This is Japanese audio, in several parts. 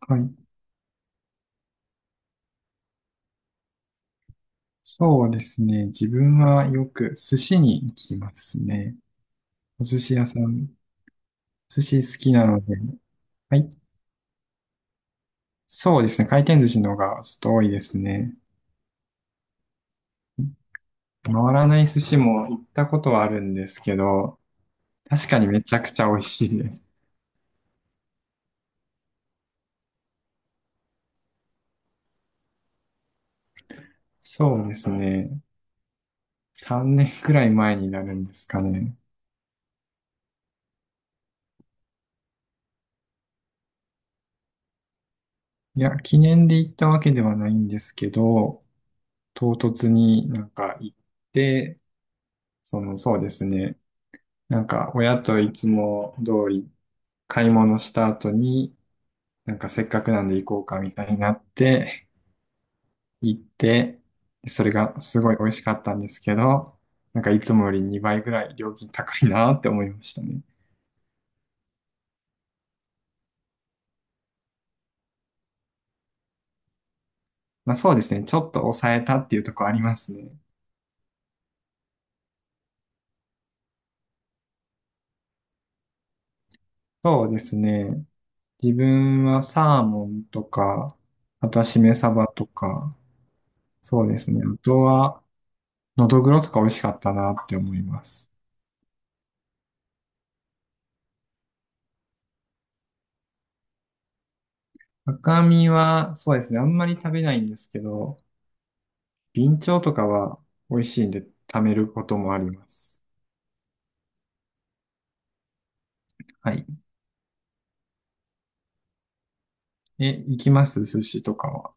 はい。そうですね。自分はよく寿司に行きますね。お寿司屋さん、寿司好きなので。はい。そうですね。回転寿司の方がちょっと多いですね。回らない寿司も行ったことはあるんですけど、確かにめちゃくちゃ美味しいです。そうですね。3年くらい前になるんですかね。いや、記念で行ったわけではないんですけど、唐突になんか行って、その、そうですね。なんか、親といつも通り買い物した後に、なんかせっかくなんで行こうかみたいになって、行って、それがすごい美味しかったんですけど、なんかいつもより2倍ぐらい料金高いなって思いましたね。まあそうですね、ちょっと抑えたっていうところありますね。そうですね、自分はサーモンとか、あとはしめ鯖とか、そうですね、あとは、のどぐろとか美味しかったなって思います。赤身は、そうですね。あんまり食べないんですけど、ビンチョウとかは美味しいんで貯めることもあります。はい。え、行きます寿司とかは。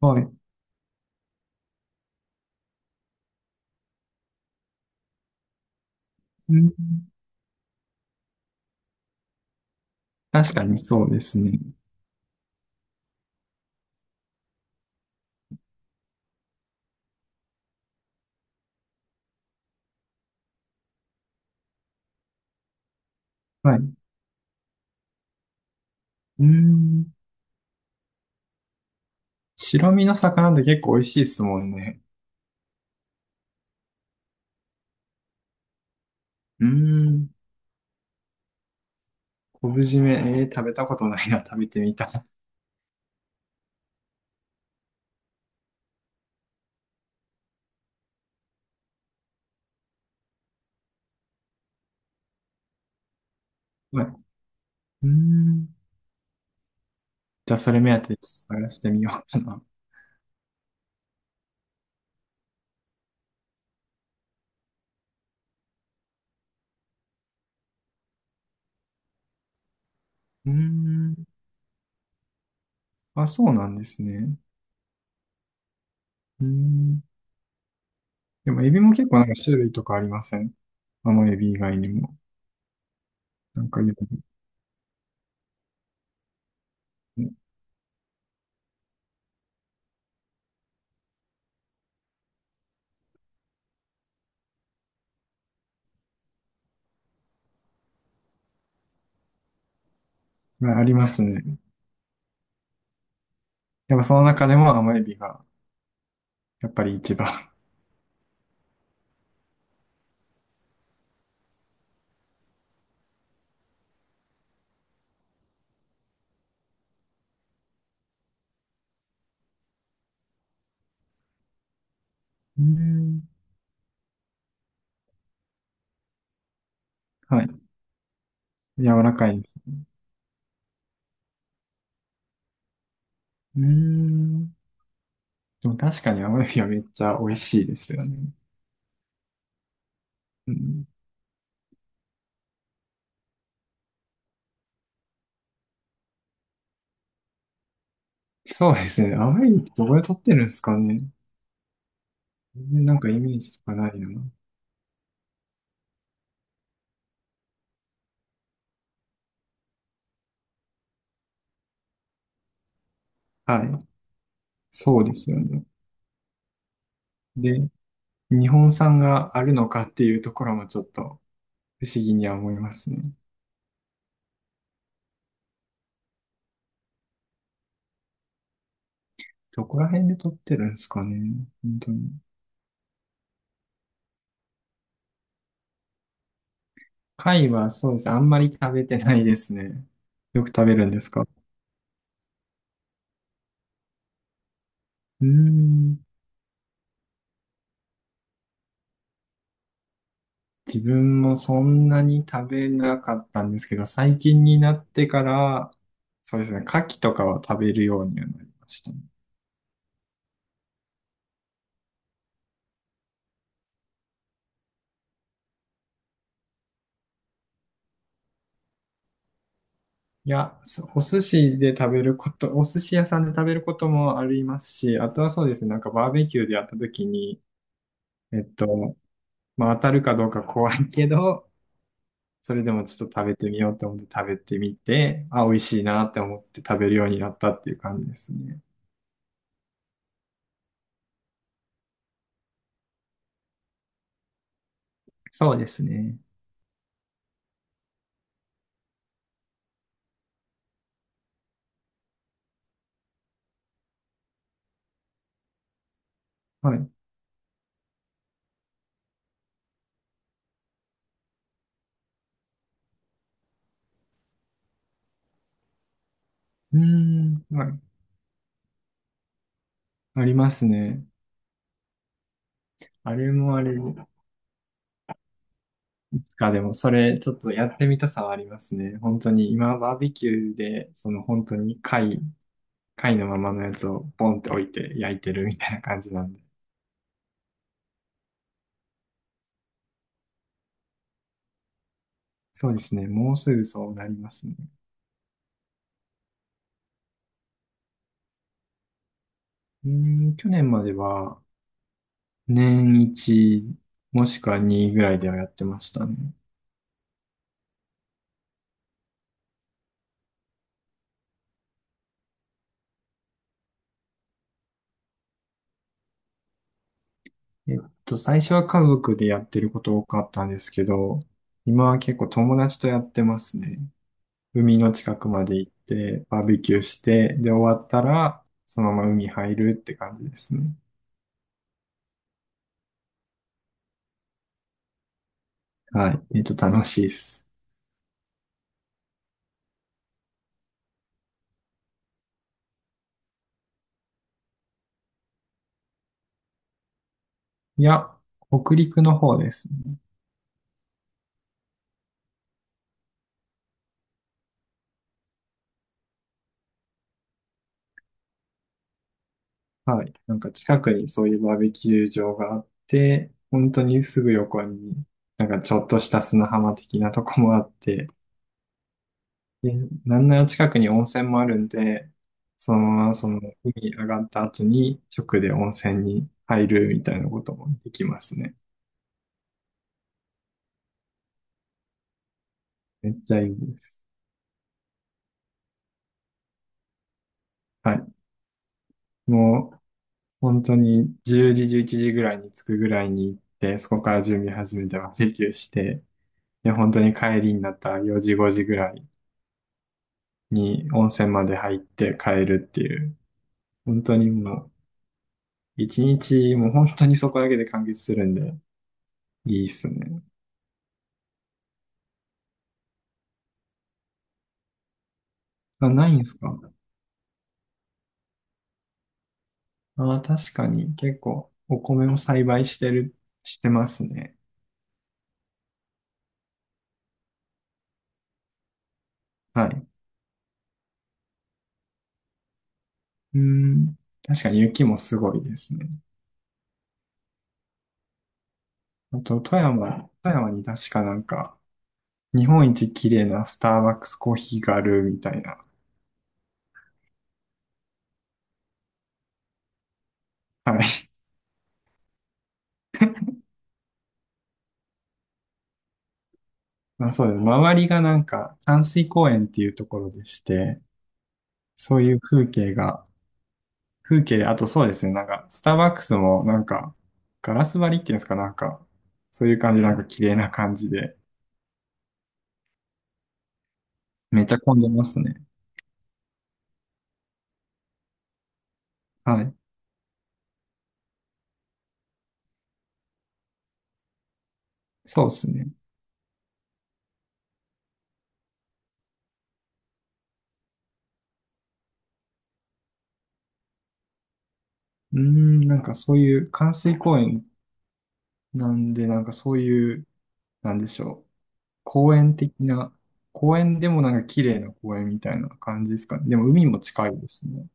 はい。うん、確かにそうですね。はい。うん。白身の魚って結構美味しいですもんね。うん。昆布締め、食べたことないな。食べてみたい。はい。うん。じゃあ、それ目当てに探してみようかな。うん。あ、そうなんですね。うん。でも、エビも結構なんか種類とかありません？甘エビ以外にも。なんかいろいろ、あ、ありますね。でもその中でも甘エビがやっぱり一番。うーん。はい。柔らかいです。うーん。でも確かに甘エビはめっちゃ美味しいですよね。うん、そうですね。甘エビってどこで取ってるんですかね。全然なんかイメージとかないよな。はい。そうですよね。で、日本産があるのかっていうところもちょっと不思議には思いますね。どこら辺で撮ってるんですかね。本当に。貝はそうです。あんまり食べてないですね。よく食べるんですか？うーん。自分もそんなに食べなかったんですけど、最近になってから、そうですね。牡蠣とかは食べるようにはなりましたね。いや、そお寿司で食べること、お寿司屋さんで食べることもありますし、あとはそうですね。なんかバーベキューでやった時に、えっと、まあ当たるかどうか怖いけど、それでもちょっと食べてみようと思って食べてみて、あ、美味しいなって思って食べるようになったっていう感じですね。そうですね。はい。うーん、はい。ありますね。あれもあれか、でもそれちょっとやってみたさはありますね。本当に今バーベキューで、その本当に貝のままのやつをポンって置いて焼いてるみたいな感じなんで。そうですね。もうすぐそうなりますね。うーん、去年までは年1もしくは2ぐらいではやってましたね。えっ最初は家族でやってること多かったんですけど、今は結構友達とやってますね。海の近くまで行って、バーベキューして、で、終わったら、そのまま海入るって感じですね。はい。楽しいです。いや、北陸の方ですね。はい。なんか近くにそういうバーベキュー場があって、本当にすぐ横に、なんかちょっとした砂浜的なとこもあって、でなんなら近くに温泉もあるんで、そのままその海上がった後に直で温泉に入るみたいなこともできますね。めっちゃいいです。はい。もう本当に10時、11時ぐらいに着くぐらいに行って、そこから準備始めてバーベキューして、で、本当に帰りになった4時、5時ぐらいに温泉まで入って帰るっていう、本当にもう一日もう本当にそこだけで完結するんで、いいっすね。あ、ないんすか？ああ、確かに結構お米を栽培してる、してますね。はい。うん。確かに雪もすごいですね。あと、富山に確かなんか、日本一綺麗なスターバックスコーヒーがあるみたいな。はい。まあそうです。周りがなんか、淡水公園っていうところでして、そういう風景、あとそうですね、なんか、スターバックスもなんか、ガラス張りっていうんですか、なんか、そういう感じ、なんか綺麗な感じで、めっちゃ混んでますね。はい。そうですね。うーん、なんかそういう関水公園なんで、なんかそういう、なんでしょう。公園的な、公園でもなんか綺麗な公園みたいな感じですかね。でも海も近いですね。